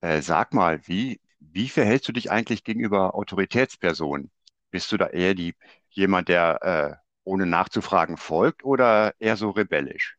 Sag mal, wie verhältst du dich eigentlich gegenüber Autoritätspersonen? Bist du da eher jemand, der ohne nachzufragen folgt oder eher so rebellisch?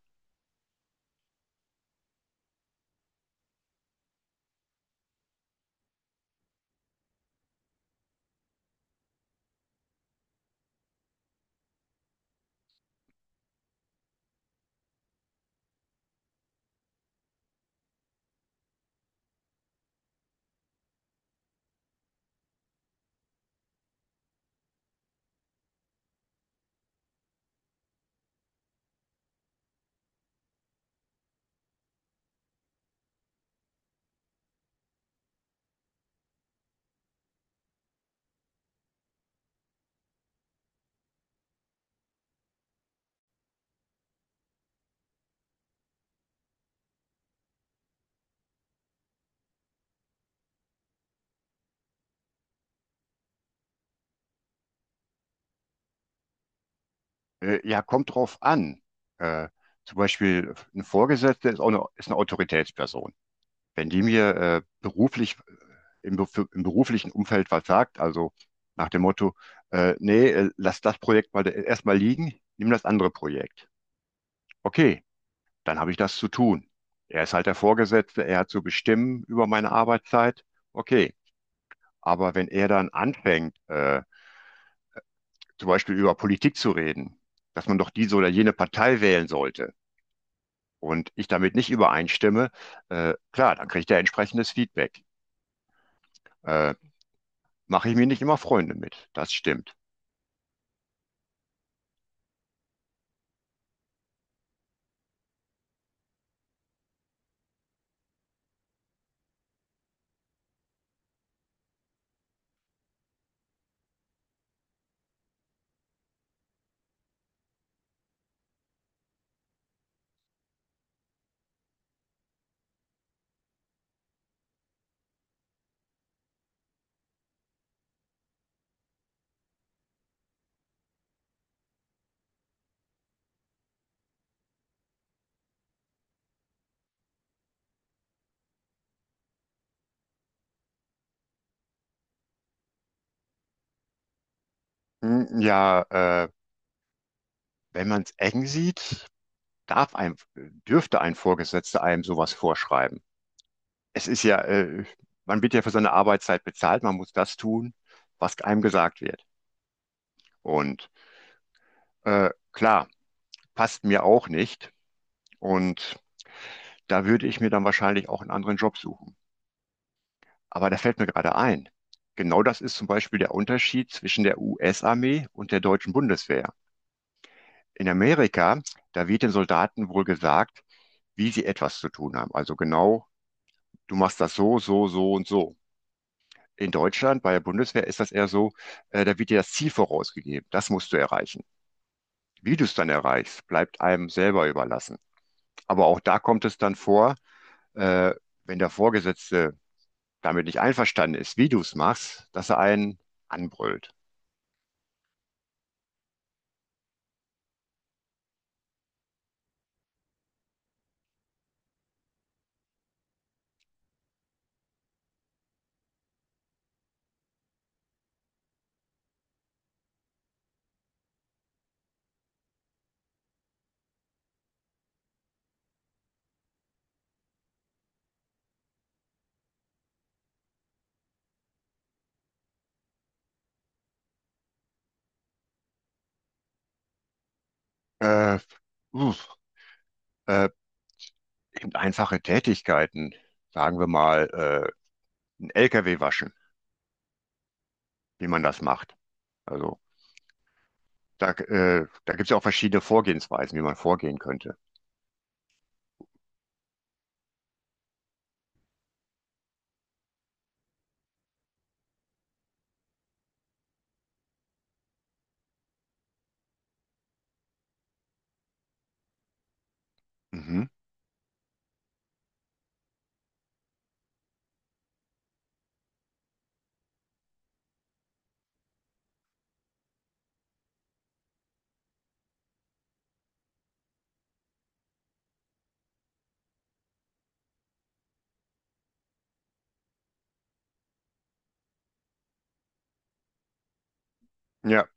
Ja, kommt drauf an. Äh, Zum Beispiel eine Vorgesetzte ist ist eine Autoritätsperson. Wenn die mir beruflich, im beruflichen Umfeld was sagt, also nach dem Motto, nee, lass das Projekt mal erstmal liegen, nimm das andere Projekt. Okay, dann habe ich das zu tun. Er ist halt der Vorgesetzte, er hat zu bestimmen über meine Arbeitszeit. Okay, aber wenn er dann anfängt, zum Beispiel über Politik zu reden, dass man doch diese oder jene Partei wählen sollte und ich damit nicht übereinstimme, klar, dann kriegt er entsprechendes Feedback. Äh, Mache ich mir nicht immer Freunde mit, das stimmt. Hm, ja, äh, wenn man es eng sieht, darf ein, dürfte ein Vorgesetzter einem sowas vorschreiben. Es ist ja, man wird ja für seine Arbeitszeit bezahlt, man muss das tun, was einem gesagt wird. Und klar, passt mir auch nicht. Und da würde ich mir dann wahrscheinlich auch einen anderen Job suchen. Aber da fällt mir gerade ein. Genau das ist zum Beispiel der Unterschied zwischen der US-Armee und der deutschen Bundeswehr. In Amerika, da wird den Soldaten wohl gesagt, wie sie etwas zu tun haben. Also genau, du machst das so, so, so und so. In Deutschland bei der Bundeswehr ist das eher so, da wird dir das Ziel vorausgegeben. Das musst du erreichen. Wie du es dann erreichst, bleibt einem selber überlassen. Aber auch da kommt es dann vor, äh, wenn der Vorgesetzte damit nicht einverstanden ist, wie du es machst, dass er einen anbrüllt. Äh, Uff, äh, eben einfache Tätigkeiten, sagen wir mal, ein LKW waschen, wie man das macht. Also da gibt es ja auch verschiedene Vorgehensweisen, wie man vorgehen könnte. Mhm. Ja.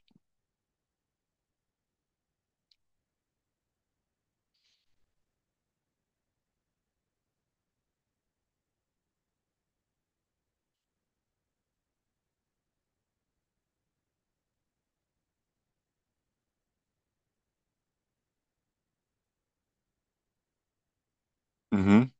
Mhm.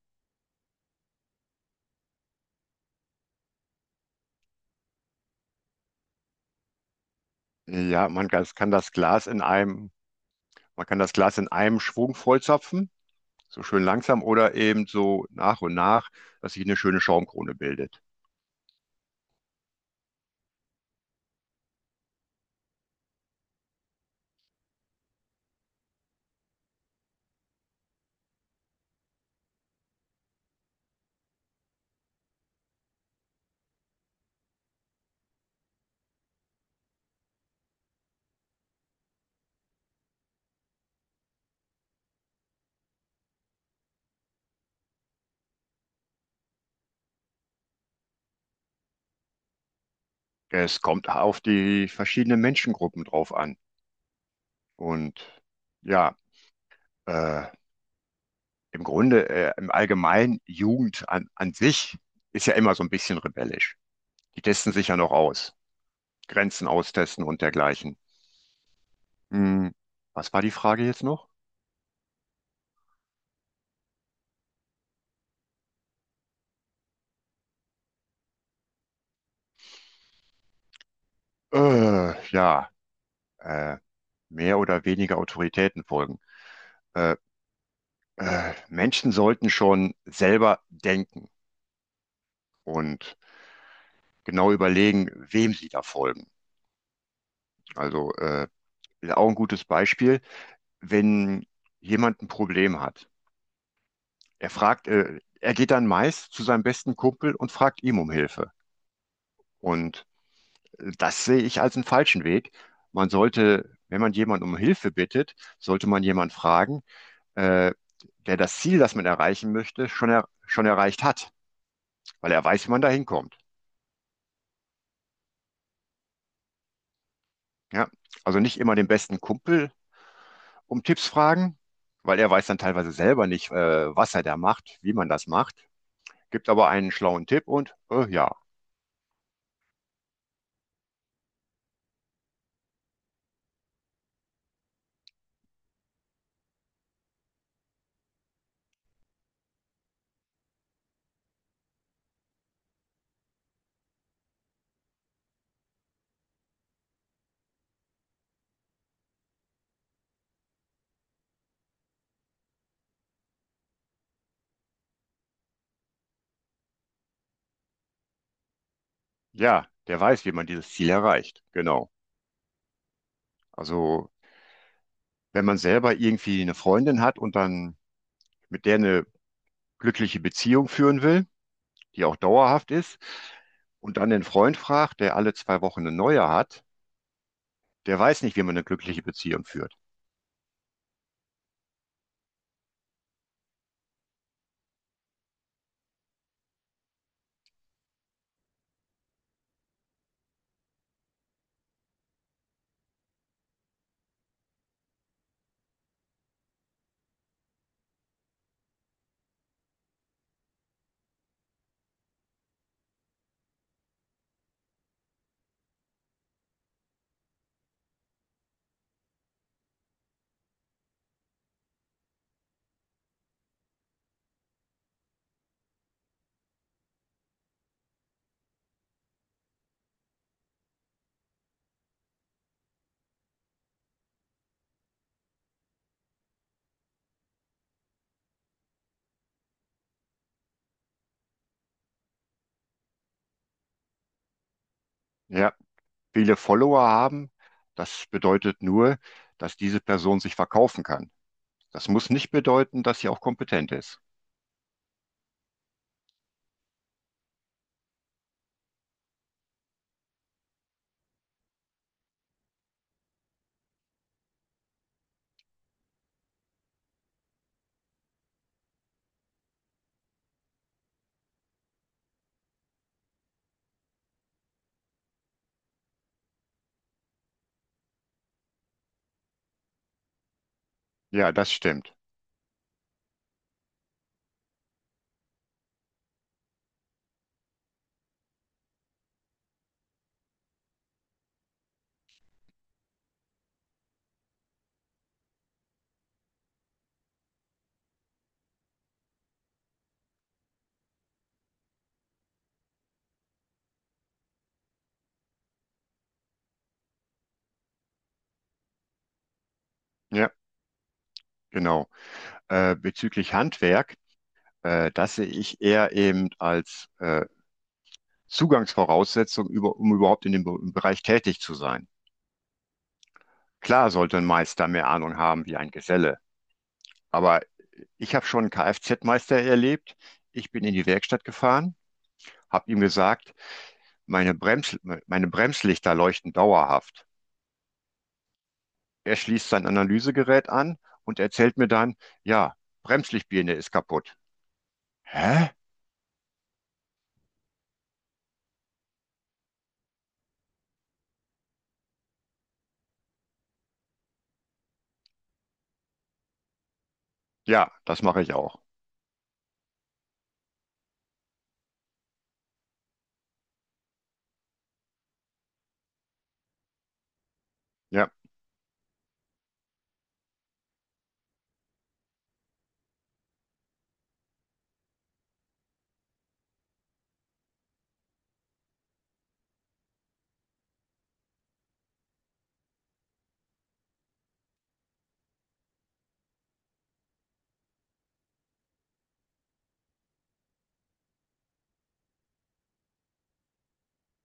Ja, man kann das man kann das Glas in einem Schwung vollzapfen, so schön langsam oder eben so nach und nach, dass sich eine schöne Schaumkrone bildet. Es kommt auf die verschiedenen Menschengruppen drauf an. Und ja, äh, im Grunde, im Allgemeinen, an sich ist ja immer so ein bisschen rebellisch. Die testen sich ja noch aus, Grenzen austesten und dergleichen. Hm, was war die Frage jetzt noch? Ja, äh, mehr oder weniger Autoritäten folgen. Äh, Menschen sollten schon selber denken und genau überlegen, wem sie da folgen. Also ist auch ein gutes Beispiel, wenn jemand ein Problem hat. Er geht dann meist zu seinem besten Kumpel und fragt ihm um Hilfe. Und das sehe ich als einen falschen Weg. Man sollte, wenn man jemanden um Hilfe bittet, sollte man jemanden fragen, äh, der das Ziel, das man erreichen möchte, er schon erreicht hat. Weil er weiß, wie man da hinkommt. Ja? Also nicht immer den besten Kumpel um Tipps fragen, weil er weiß dann teilweise selber nicht, was er da macht, wie man das macht. Gibt aber einen schlauen Tipp und ja, ja, der weiß, wie man dieses Ziel erreicht. Genau. Also wenn man selber irgendwie eine Freundin hat und dann mit der eine glückliche Beziehung führen will, die auch dauerhaft ist, und dann den Freund fragt, der alle zwei Wochen eine neue hat, der weiß nicht, wie man eine glückliche Beziehung führt. Ja, viele Follower haben, das bedeutet nur, dass diese Person sich verkaufen kann. Das muss nicht bedeuten, dass sie auch kompetent ist. Ja, das stimmt. Ja, genau. Bezüglich Handwerk, das sehe ich eher eben als Zugangsvoraussetzung, um überhaupt in dem im Bereich tätig zu sein. Klar sollte ein Meister mehr Ahnung haben wie ein Geselle, aber ich habe schon einen Kfz-Meister erlebt. Ich bin in die Werkstatt gefahren, habe ihm gesagt, meine Brems, meine Bremslichter leuchten dauerhaft. Er schließt sein Analysegerät an und erzählt mir dann, ja, Bremslichtbirne ist kaputt. Hä? Ja, das mache ich auch. Ja.